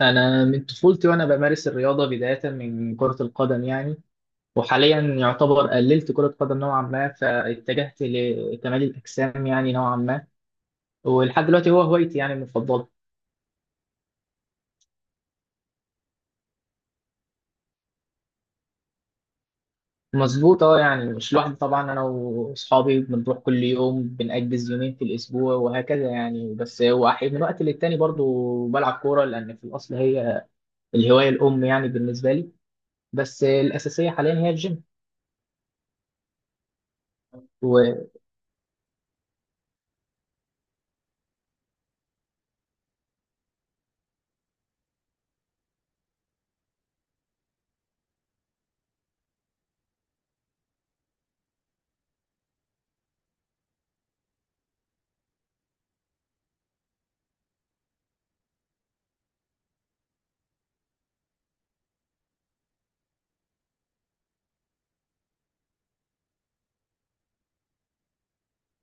أنا من طفولتي وأنا بمارس الرياضة بداية من كرة القدم يعني. وحاليا يعتبر قللت كرة قدم نوعا ما، فاتجهت لكمال الأجسام يعني نوعا ما. ولحد دلوقتي هو هوايتي يعني المفضلة. مظبوط اه، يعني مش لوحدي طبعا، أنا وأصحابي بنروح كل يوم، بنأجز يومين في الأسبوع وهكذا يعني. بس هو أحيانا من وقت للتاني برضو بلعب كورة، لأن في الأصل هي الهواية الأم يعني بالنسبة لي. بس الأساسية حاليا هي الجيم.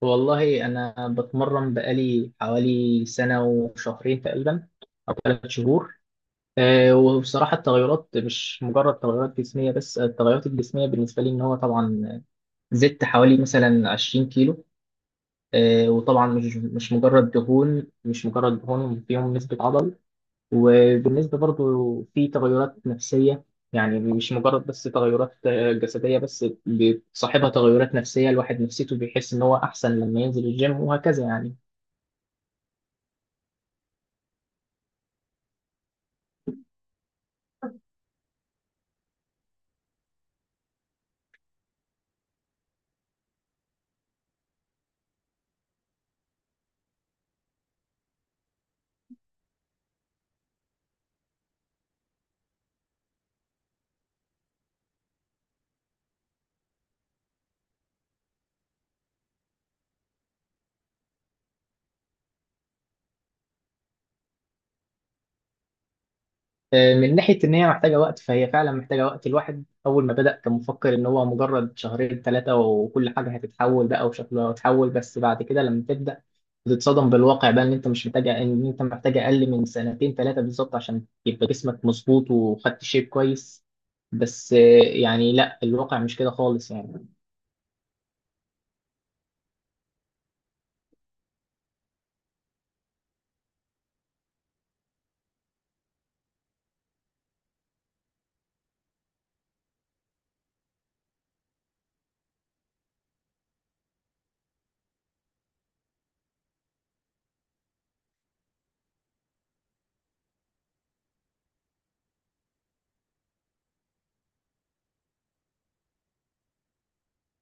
والله أنا بتمرن بقالي حوالي سنة وشهرين تقريبا، أو ثلاث شهور. أه، وبصراحة التغيرات مش مجرد تغيرات جسمية بس، التغيرات الجسمية بالنسبة لي إن هو طبعا زدت حوالي مثلا 20 كيلو. أه، وطبعا مش مجرد دهون، مش مجرد دهون، فيهم نسبة عضل. وبالنسبة برضو في تغيرات نفسية، يعني مش مجرد بس تغيرات جسدية، بس بتصاحبها تغيرات نفسية. الواحد نفسيته بيحس إن هو أحسن لما ينزل الجيم وهكذا يعني. من ناحية إن هي محتاجة وقت، فهي فعلا محتاجة وقت. الواحد أول ما بدأ كان مفكر إن هو مجرد شهرين ثلاثة وكل حاجة هتتحول بقى وشكلها هتتحول، بس بعد كده لما تبدأ بتتصدم بالواقع بقى إن أنت مش محتاج، إن أنت محتاج أقل من سنتين ثلاثة بالظبط عشان يبقى جسمك مظبوط وخدت شيب كويس. بس آه، يعني لا، الواقع مش كده خالص يعني.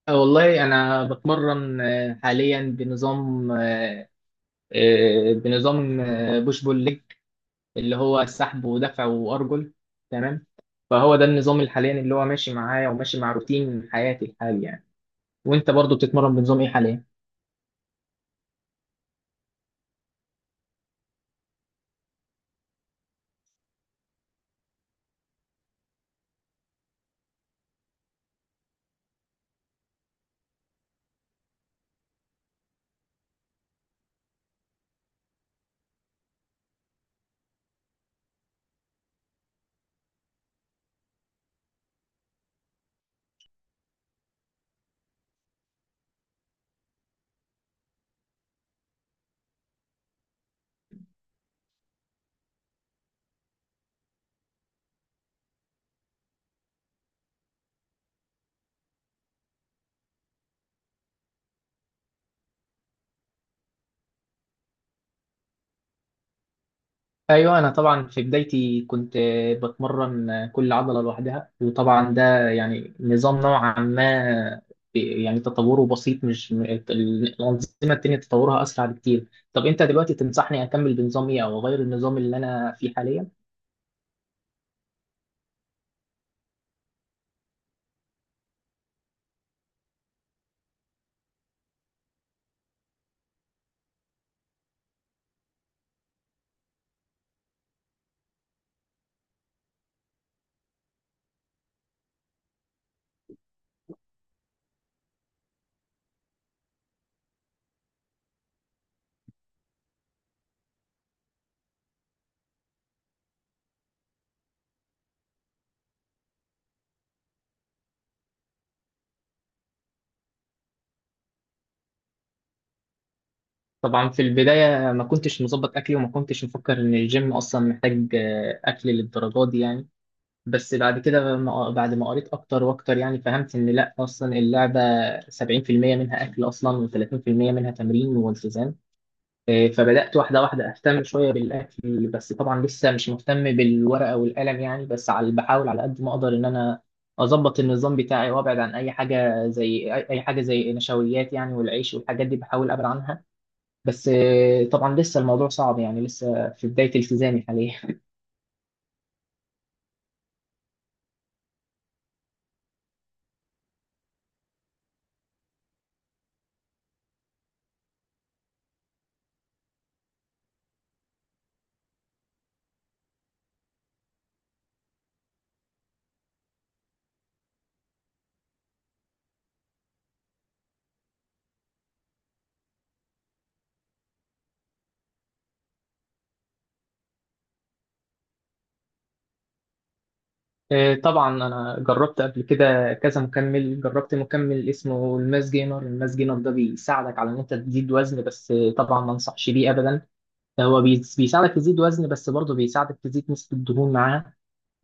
والله أنا بتمرن حاليا بنظام بوش بول ليج. اللي هو سحب ودفع وارجل. تمام. فهو ده النظام الحالي اللي هو ماشي معايا وماشي مع روتين حياتي الحالي يعني. وانت برضو بتتمرن بنظام ايه حاليا؟ ايوه، انا طبعا في بدايتي كنت بتمرن كل عضله لوحدها، وطبعا ده يعني نظام نوعا ما، يعني تطوره بسيط، مش الانظمه التانيه تطورها اسرع بكتير. طب انت دلوقتي تنصحني اكمل بنظام ايه او اغير النظام اللي انا فيه حاليا؟ طبعا في البداية ما كنتش مظبط أكلي، وما كنتش مفكر إن الجيم أصلا محتاج أكل للدرجات دي يعني. بس بعد كده بعد ما قريت أكتر وأكتر يعني فهمت إن لأ، أصلا اللعبة 70% منها أكل أصلا، و30% منها تمرين والتزام. فبدأت واحدة واحدة أهتم شوية بالأكل، بس طبعا لسه مش مهتم بالورقة والقلم يعني، بس على بحاول على قد ما أقدر إن أنا أظبط النظام بتاعي وأبعد عن أي حاجة زي أي حاجة زي نشويات يعني، والعيش والحاجات دي بحاول أبعد عنها. بس آه، طبعا لسه الموضوع صعب يعني، لسه في بداية التزامي حاليا. آه، طبعا أنا جربت قبل كده كذا مكمل، جربت مكمل اسمه الماس جينر. الماس جينر ده بيساعدك على إن أنت تزيد وزن، بس آه، طبعا ما أنصحش بيه أبدا. هو بيساعدك تزيد وزن، بس برضه بيساعدك تزيد نسبة الدهون معاه.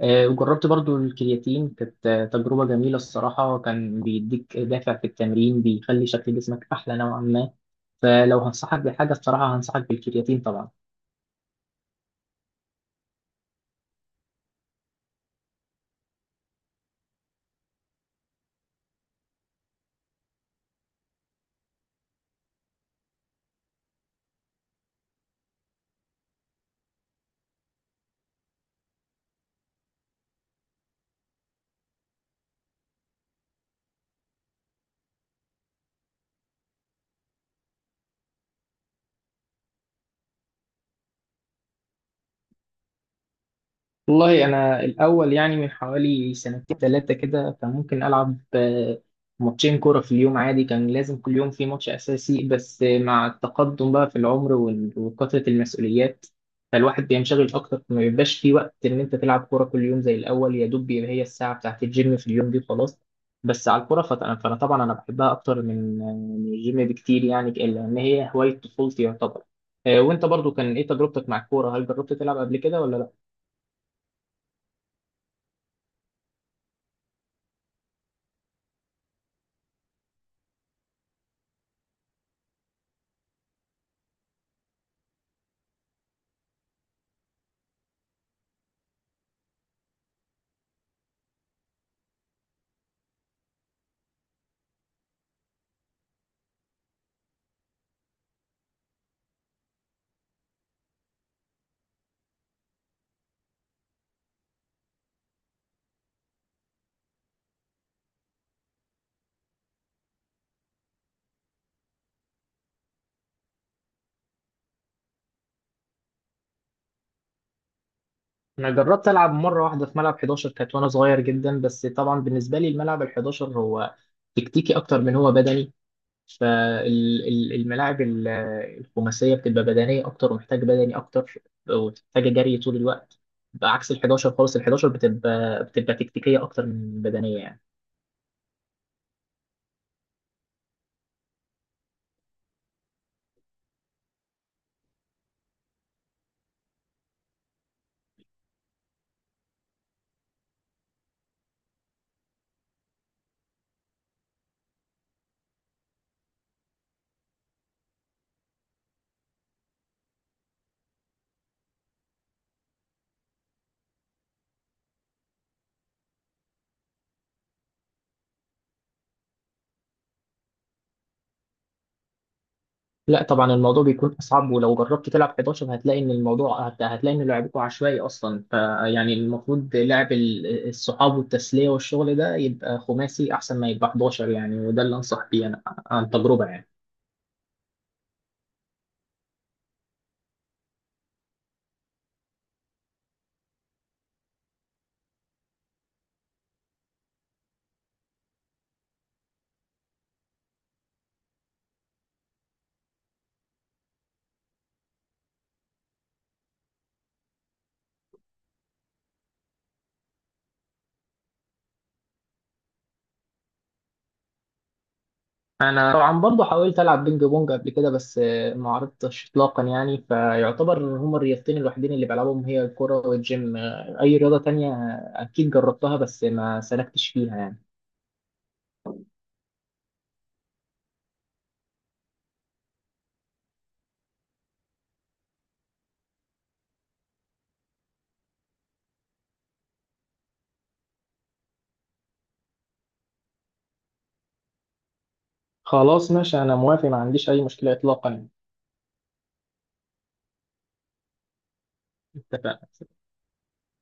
آه، وجربت برضه الكرياتين، كانت آه، تجربة جميلة الصراحة، كان بيديك دافع في التمرين، بيخلي شكل جسمك أحلى نوعا ما. فلو هنصحك بحاجة الصراحة هنصحك بالكرياتين طبعا. والله أنا الأول يعني من حوالي سنتين ثلاثة كده كان ممكن ألعب ماتشين كورة في اليوم عادي، كان لازم كل يوم في ماتش أساسي. بس آه، مع التقدم بقى في العمر وكثرة المسؤوليات، فالواحد بينشغل أكتر، ما بيبقاش في وقت إن أنت تلعب كورة كل يوم زي الأول، يا دوب بيبقى هي الساعة بتاعت الجيم في اليوم دي وخلاص. بس على الكورة فأنا طبعا أنا بحبها أكتر من من الجيم بكتير يعني، لأن هي هواية طفولتي يعتبر. آه، وأنت برضو كان إيه تجربتك مع الكورة؟ هل جربت تلعب قبل كده ولا لأ؟ انا جربت العب مره واحده في ملعب 11 كانت وانا صغير جدا، بس طبعا بالنسبه لي الملعب ال 11 هو تكتيكي اكتر من هو بدني، فالملاعب الخماسيه بتبقى بدنيه اكتر، ومحتاج بدني اكتر، ومحتاجه جري طول الوقت، بعكس ال 11 خالص. ال 11 بتبقى تكتيكيه اكتر من بدنيه يعني. لا طبعا الموضوع بيكون اصعب، ولو جربت تلعب 11 هتلاقي ان الموضوع هتلاقي ان لعبكم عشوائي اصلا، فيعني المفروض لعب الصحاب والتسليه والشغل ده يبقى خماسي احسن ما يبقى 11 يعني، وده اللي انصح بيه انا عن تجربه يعني. انا طبعا برضه حاولت العب بينج بونج قبل كده، بس آه، ما عرفتش اطلاقا يعني، فيعتبر إن هما الرياضتين الوحيدين اللي بلعبهم هي الكوره والجيم. آه، اي رياضه تانية آه، اكيد جربتها بس ما سلكتش فيها يعني. خلاص ماشي، انا موافق، ما عنديش اي مشكله اطلاقا. اتفقنا.